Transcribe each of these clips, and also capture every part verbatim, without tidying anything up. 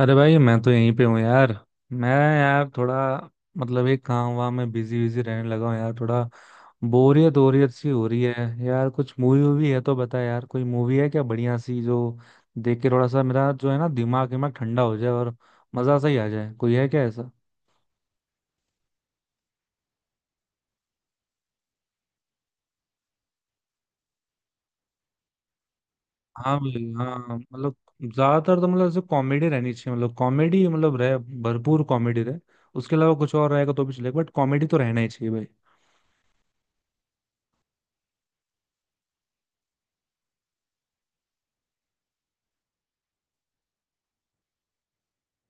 अरे भाई, मैं तो यहीं पे हूँ यार। मैं यार थोड़ा, मतलब एक काम वाम में बिजी बिजी रहने लगा हूँ यार। थोड़ा बोरियत बोरियत सी हो रही है यार। कुछ मूवी वूवी है तो बता यार। कोई मूवी है क्या बढ़िया सी, जो देख के थोड़ा सा मेरा जो है ना दिमाग दिमाग ठंडा हो जाए और मजा सा ही आ जाए। कोई है क्या ऐसा? हाँ भाई, हाँ, मतलब ज्यादातर तो, मतलब ऐसे कॉमेडी रहनी चाहिए, मतलब कॉमेडी, मतलब रहे, भरपूर कॉमेडी रहे। उसके अलावा कुछ और रहेगा तो भी चलेगा, बट कॉमेडी तो रहना ही चाहिए भाई।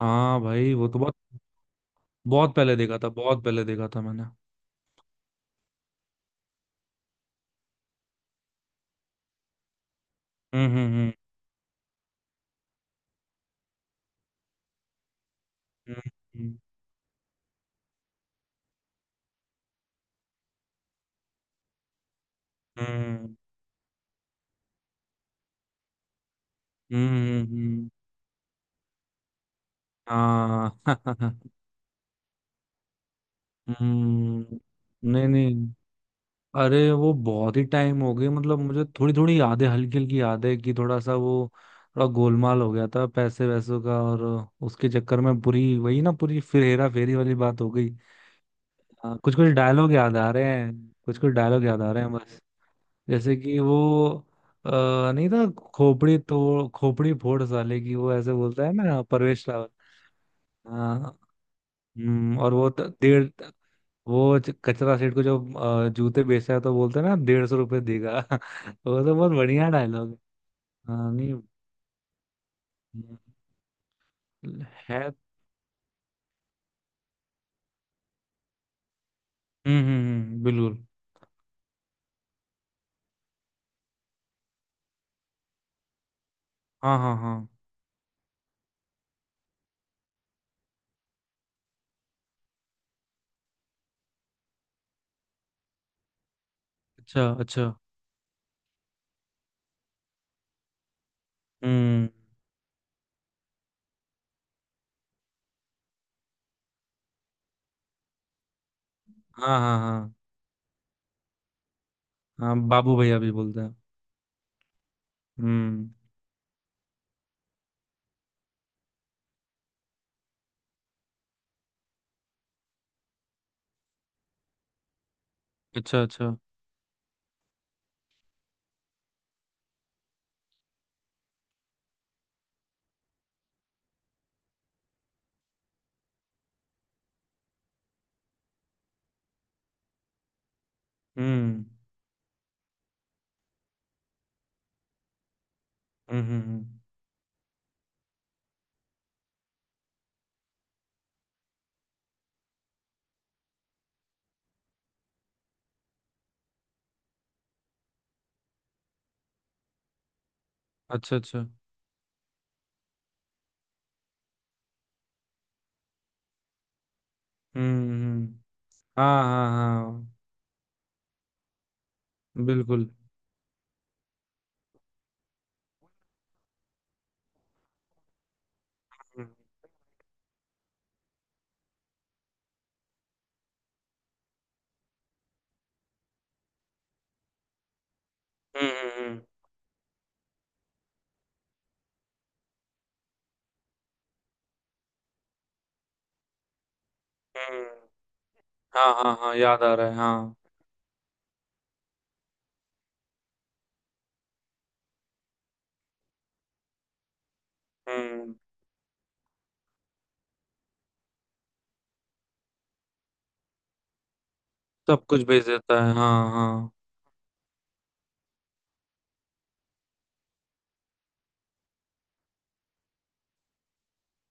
हाँ भाई, वो तो बहुत। बहुत पहले देखा था, बहुत पहले देखा था मैंने। हम्म। हम्म। हम्म। हम्म। हम्म। हम्म। हम्म, हाँ। हम्म। नहीं नहीं। अरे वो बहुत ही टाइम हो गई, मतलब मुझे थोड़ी थोड़ी यादें, हल्की हल्की यादें, कि थोड़ा सा वो थोड़ा गोलमाल हो गया था पैसे वैसों का। और उसके चक्कर में पूरी वही ना, पूरी फिर हेरा फेरी वाली बात हो गई। हाँ, कुछ कुछ डायलॉग याद आ रहे हैं। कुछ कुछ डायलॉग याद आ रहे हैं। जैसे कि वो, अ, नहीं था, खोपड़ी तोड़ खोपड़ी फोड़ साले की, वो ऐसे बोलता है ना परवेश रावल। हाँ। हम्म, और वो त- डेढ़, वो ज- कचरा सेठ को जो अ, जूते बेचता है, तो बोलते हैं ना डेढ़ सौ रुपये देगा। वो तो बहुत बढ़िया डायलॉग है। हाँ, नहीं। हम्म, है। हम्म। हम्म। हम्म, बिल्कुल। हाँ हाँ हाँ। अच्छा अच्छा। हम्म। हाँ हाँ हाँ हाँ, बाबू भैया भी बोलते हैं। हम्म। अच्छा अच्छा। हम्म। हम्म। हम्म। हम्म। अच्छा अच्छा। हम्म। हम्म। हाँ हाँ हाँ। बिल्कुल। हम्म। हम्म। हम्म। हम्म। हाँ हाँ हाँ, याद आ रहा है हाँ। हम्म। सब कुछ भेज देता है, हाँ हाँ।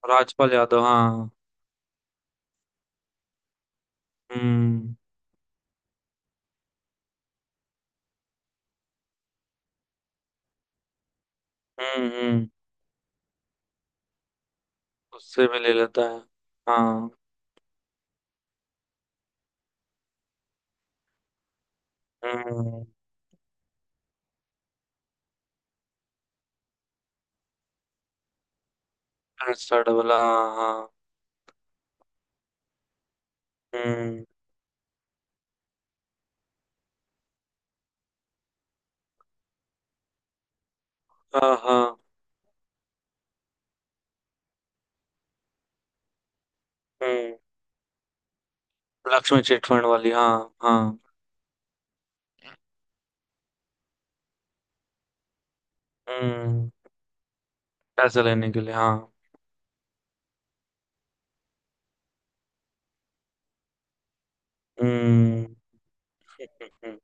राजपाल यादव, हाँ। हम्म। हम्म। हम्म। उससे भी ले लेता है। हाँ। हम्म। ऐसा डबल, हाँ हाँ। हम्म। हाँ हाँ। हम्म। लक्ष्मी चिटफंड वाली, हाँ। हाँ। हम्म। पैसे लेने के लिए, हाँ। हम्म। हम्म।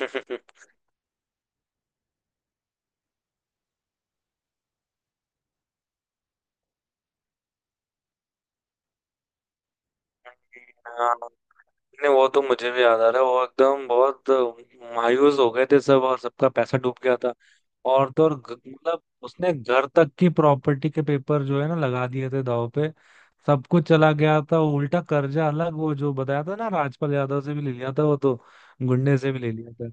हम्म। हाँ नहीं, वो तो मुझे भी याद आ रहा है, वो एकदम बहुत मायूस हो गए थे सब और सबका पैसा डूब गया था। और तो और, ग- मतलब उसने घर तक की प्रॉपर्टी के पेपर जो है ना लगा दिए थे दाव पे। सब कुछ चला गया था, उल्टा कर्जा अलग, वो जो बताया था ना राजपाल यादव से भी ले लिया था वो तो, गुंडे से भी ले लिया था।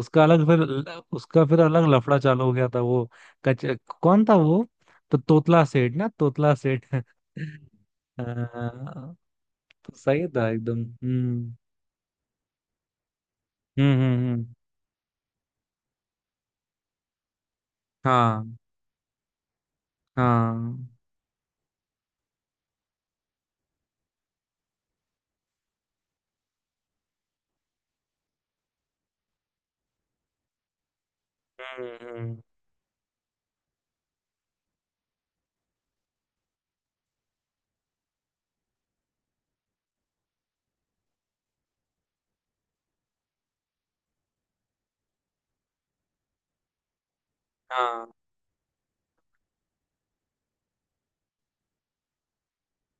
उसका अलग, फिर ल- उसका फिर अलग लफड़ा चालू हो गया था वो। कच कौन था वो? तो तोतला सेठ ना, तोतला सेठ। हाँ, तो सही था एकदम। हम्म। हम्म। हम्म। हम्म, हाँ हाँ। हम्म। हम्म, हाँ।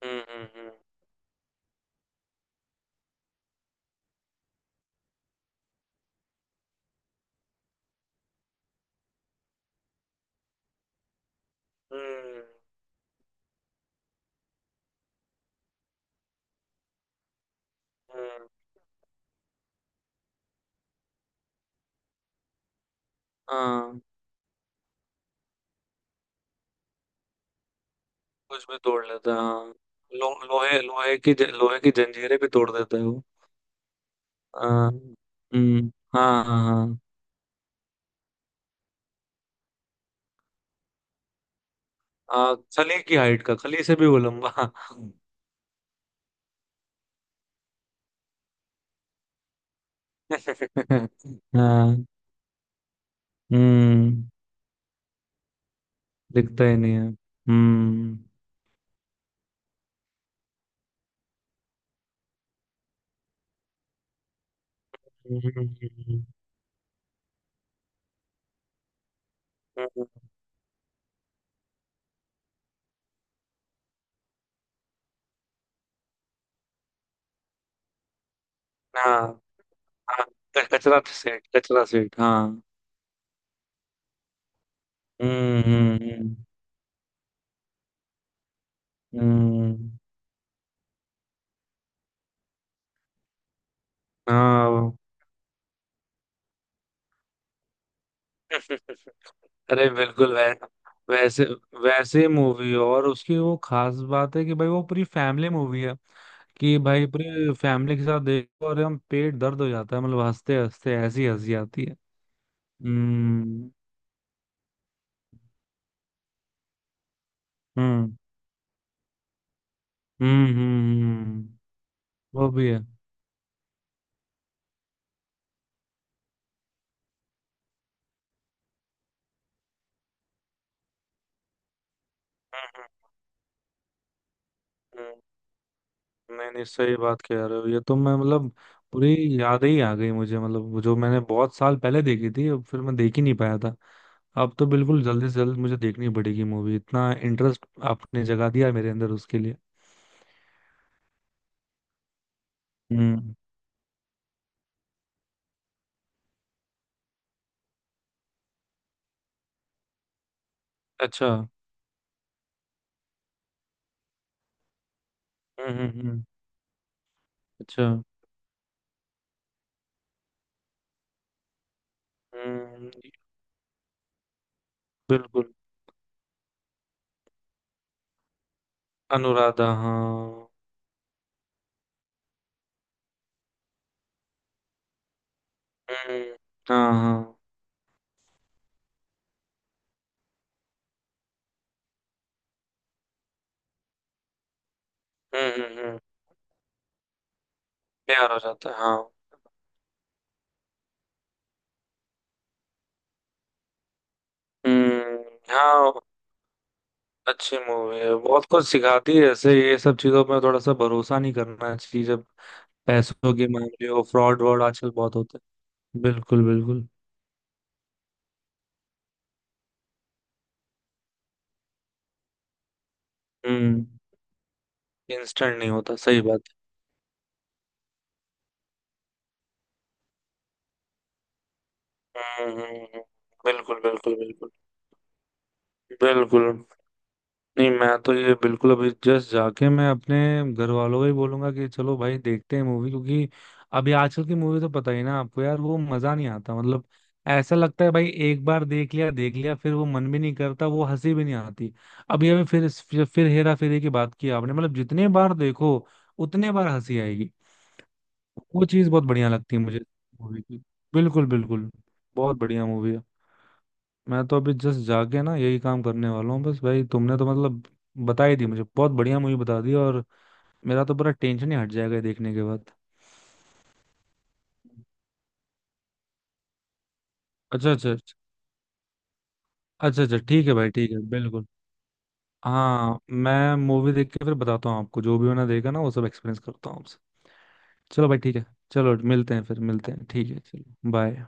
हम्म। हम्म। हम्म। हम्म। हम्म, हाँ, कुछ भी तोड़ लेता है, हाँ। लो, लोहे लोहे की ज- लोहे की जंजीरें भी तोड़ देता है वो। हाँ। हम्म। हाँ हाँ हाँ। हाँ, खली की हाइट का, खली से भी वो लंबा। हाँ। हम्म। दिखता ही नहीं है। हम्म। हम्म। हम्म। हम्म। हम्म। हाँ। हाँ, क- कचरा सेट, कचरा सेट, हाँ। हम्म। हम्म। हम्म। हाँ। अरे बिल्कुल, वै, वैसे वैसे मूवी और उसकी वो खास बात है कि भाई वो पूरी फैमिली मूवी है। कि भाई पूरी फैमिली के साथ देखो और हम पेट दर्द हो जाता है, मतलब हंसते हंसते ऐसी हंसी आती है। हम्म। हम्म। हम्म। हम्म। हम्म। वो भी है। हम्म। हम्म। नहीं नहीं, सही बात कह रहे हो। ये तो मैं मतलब पूरी याद ही आ गई मुझे, मतलब वो जो मैंने बहुत साल पहले देखी थी, अब फिर मैं देख ही नहीं पाया था। अब तो बिल्कुल जल्दी से जल्द मुझे देखनी पड़ेगी मूवी, इतना इंटरेस्ट आपने जगा दिया मेरे अंदर उसके लिए। हम्म। अच्छा। हम्म। हम्म। हम्म। अच्छा। हम्म। बिल्कुल। अनुराधा, हाँ। हम्म। हाँ हाँ। हम्म। हम्म। हम्म। प्यार हो जाता है, हाँ। हम्म। हाँ। अच्छी मूवी है, बहुत कुछ सिखाती है ऐसे। ये सब चीजों में थोड़ा सा भरोसा नहीं करना चाहिए, जब पैसों के मामले हो। फ्रॉड वॉड आजकल बहुत होते हैं। बिल्कुल बिल्कुल। हम्म, इंस्टेंट नहीं होता, सही बात है। हम्म। हम्म। हम्म, बिल्कुल बिल्कुल बिल्कुल। बिल्कुल। नहीं, मैं तो ये बिल्कुल अभी जस्ट जाके मैं अपने घर वालों को ही बोलूंगा कि चलो भाई देखते हैं मूवी, क्योंकि अभी आजकल की मूवी तो पता ही ना आपको यार, वो मजा नहीं आता मतलब। ऐसा लगता है भाई, एक बार देख लिया, देख लिया, फिर वो मन भी नहीं करता, वो हंसी भी नहीं आती। अभी अभी फिर फिर, फिर हेरा फेरी की बात की आपने, मतलब जितने बार देखो उतने बार हंसी आएगी। वो चीज बहुत बढ़िया लगती है मुझे मूवी की। बिल्कुल बिल्कुल। बहुत बढ़िया मूवी है। मैं तो अभी जस्ट जाके ना यही काम करने वाला हूँ। बस भाई, तुमने तो मतलब बता ही दी मुझे, बहुत बढ़िया मूवी बता दी और मेरा तो पूरा टेंशन ही हट जाएगा ये देखने के बाद। अच्छा अच्छा अच्छा। अच्छा अच्छा, ठीक है भाई, ठीक है, बिल्कुल। हाँ, मैं मूवी देख के फिर बताता हूँ आपको, जो भी मैंने देखा ना वो सब एक्सपीरियंस करता हूँ आपसे। चलो भाई ठीक है। चलो मिलते हैं फिर, मिलते हैं, ठीक है, चलो बाय।